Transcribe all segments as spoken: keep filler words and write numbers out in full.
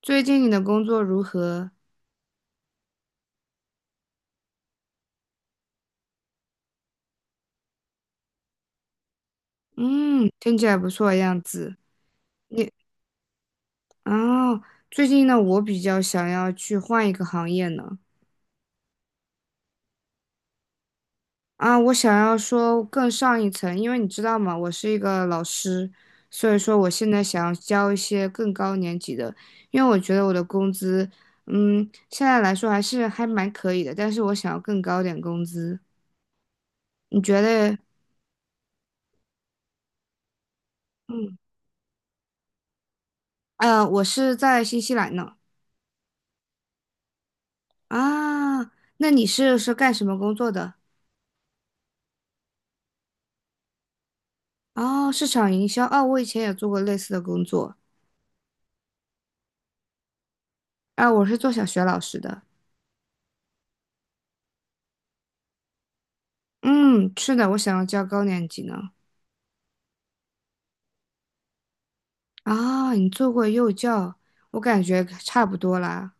最近你的工作如何？嗯，听起来不错的样子。你啊，最近呢，我比较想要去换一个行业呢。啊，我想要说更上一层，因为你知道吗，我是一个老师，所以说我现在想要教一些更高年级的，因为我觉得我的工资，嗯，现在来说还是还蛮可以的，但是我想要更高点工资。你觉得？嗯，呃，我是在新西兰呢。啊，那你是是干什么工作的？哦，市场营销，哦，我以前也做过类似的工作，啊，我是做小学老师的，嗯，是的，我想要教高年级呢。啊，你做过幼教，我感觉差不多啦。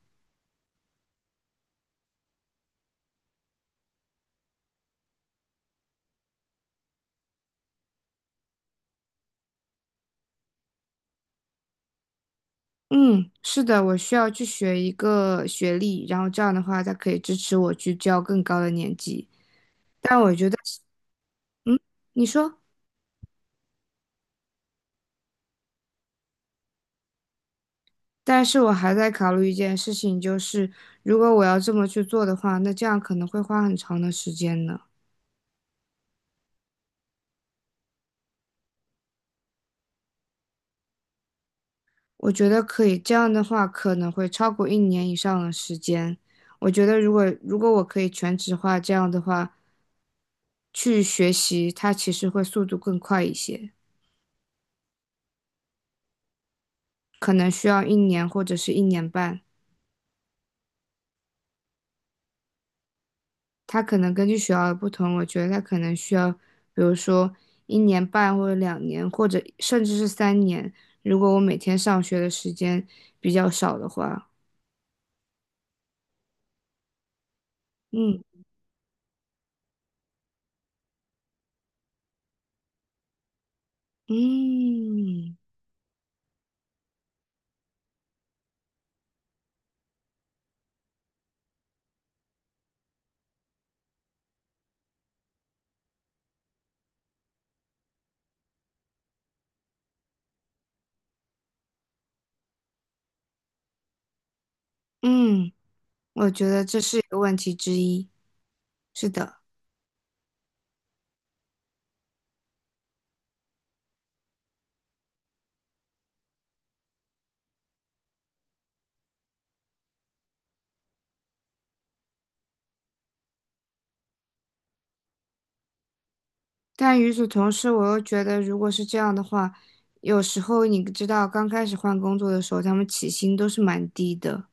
嗯，是的，我需要去学一个学历，然后这样的话，才可以支持我去教更高的年级。嗯，你说，但是我还在考虑一件事情，就是如果我要这么去做的话，那这样可能会花很长的时间呢。我觉得可以，这样的话可能会超过一年以上的时间。我觉得如果如果我可以全职化，这样的话去学习，它其实会速度更快一些，可能需要一年或者是一年半。它可能根据学校的不同，我觉得它可能需要，比如说一年半或者两年，或者甚至是三年。如果我每天上学的时间比较少的话，嗯嗯嗯。我觉得这是一个问题之一。是的，但与此同时，我又觉得，如果是这样的话，有时候你知道，刚开始换工作的时候，他们起薪都是蛮低的。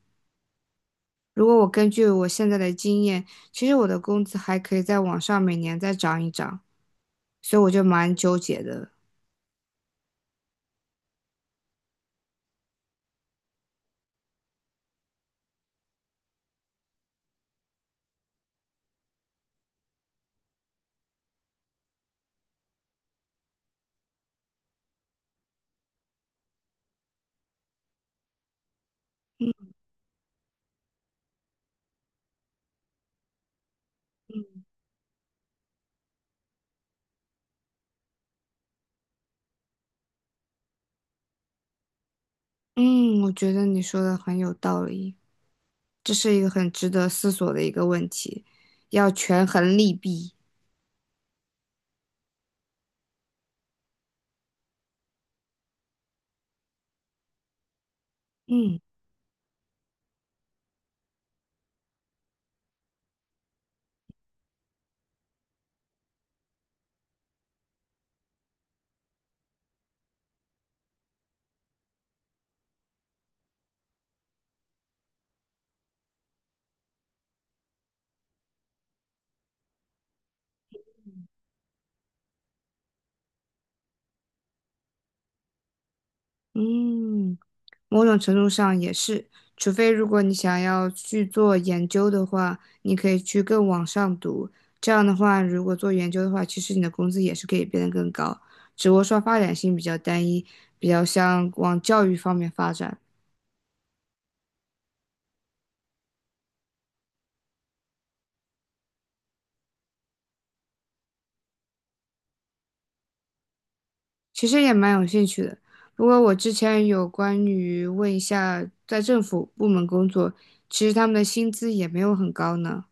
如果我根据我现在的经验，其实我的工资还可以再往上，每年再涨一涨，所以我就蛮纠结的。嗯，我觉得你说的很有道理，这是一个很值得思索的一个问题，要权衡利弊。嗯嗯。某种程度上也是，除非如果你想要去做研究的话，你可以去更往上读。这样的话，如果做研究的话，其实你的工资也是可以变得更高，只不过说发展性比较单一，比较像往教育方面发展。其实也蛮有兴趣的。不过我之前有关于问一下在政府部门工作，其实他们的薪资也没有很高呢。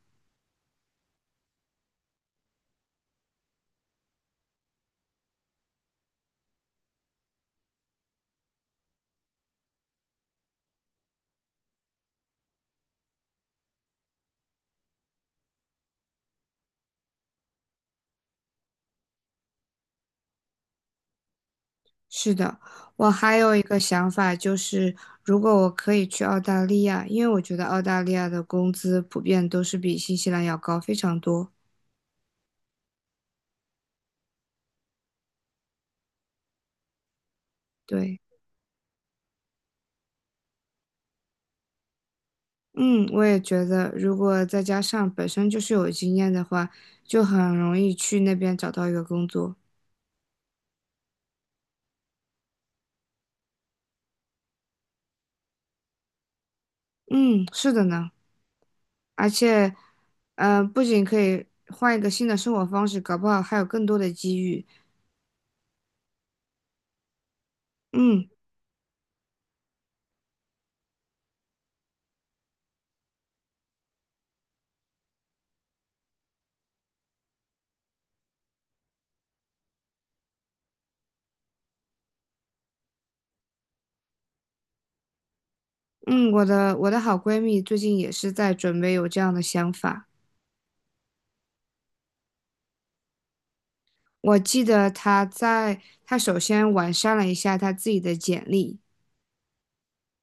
是的，我还有一个想法，就是如果我可以去澳大利亚，因为我觉得澳大利亚的工资普遍都是比新西兰要高非常多。对，嗯，我也觉得，如果再加上本身就是有经验的话，就很容易去那边找到一个工作。嗯，是的呢，而且，呃，不仅可以换一个新的生活方式，搞不好还有更多的机遇。嗯嗯，我的我的好闺蜜最近也是在准备有这样的想法。我记得他在他首先完善了一下他自己的简历，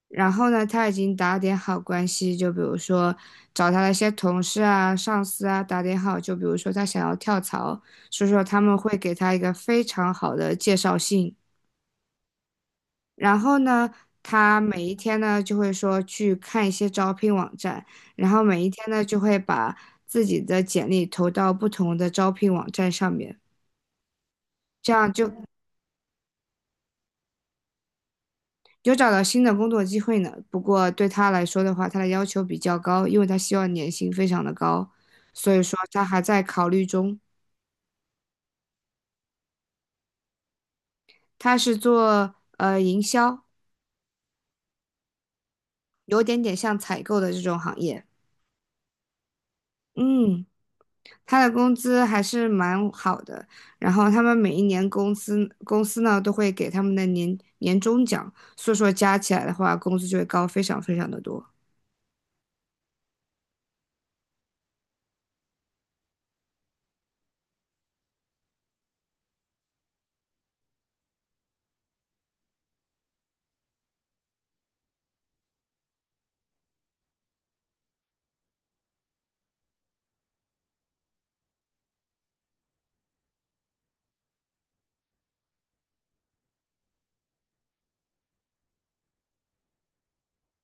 然后呢，他已经打点好关系，就比如说找他的一些同事啊、上司啊打点好，就比如说他想要跳槽，所以说他们会给他一个非常好的介绍信。然后呢，他每一天呢就会说去看一些招聘网站，然后每一天呢就会把自己的简历投到不同的招聘网站上面，这样就有找到新的工作机会呢，不过对他来说的话，他的要求比较高，因为他希望年薪非常的高，所以说他还在考虑中。他是做呃营销，有点点像采购的这种行业。嗯，他的工资还是蛮好的，然后他们每一年公司公司呢都会给他们的年年终奖，所以说加起来的话，工资就会高非常非常的多。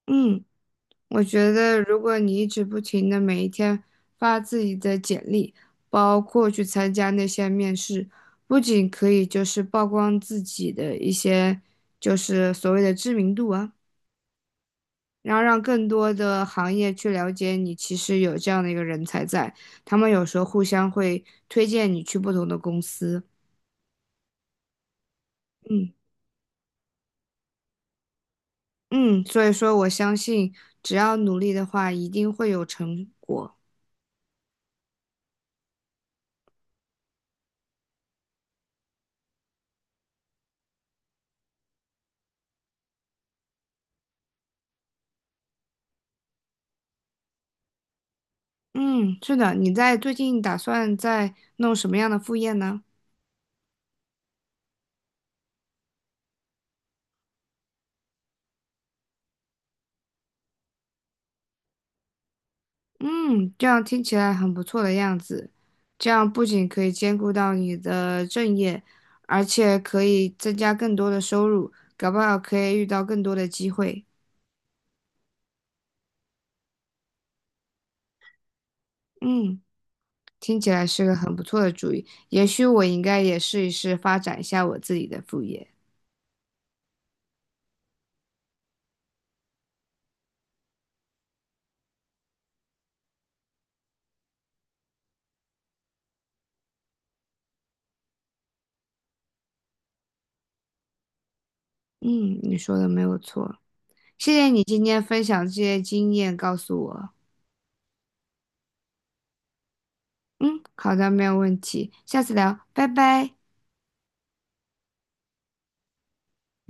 嗯。我觉得，如果你一直不停的每一天发自己的简历，包括去参加那些面试，不仅可以就是曝光自己的一些就是所谓的知名度啊，然后让更多的行业去了解你，其实有这样的一个人才在，他们有时候互相会推荐你去不同的公司。嗯嗯，所以说我相信，只要努力的话，一定会有成果。嗯，是的，你在最近打算在弄什么样的副业呢？嗯，这样听起来很不错的样子。这样不仅可以兼顾到你的正业，而且可以增加更多的收入，搞不好可以遇到更多的机会。嗯，听起来是个很不错的主意，也许我应该也试一试发展一下我自己的副业。嗯，你说的没有错，谢谢你今天分享这些经验告诉我。嗯，好的，没有问题，下次聊，拜拜。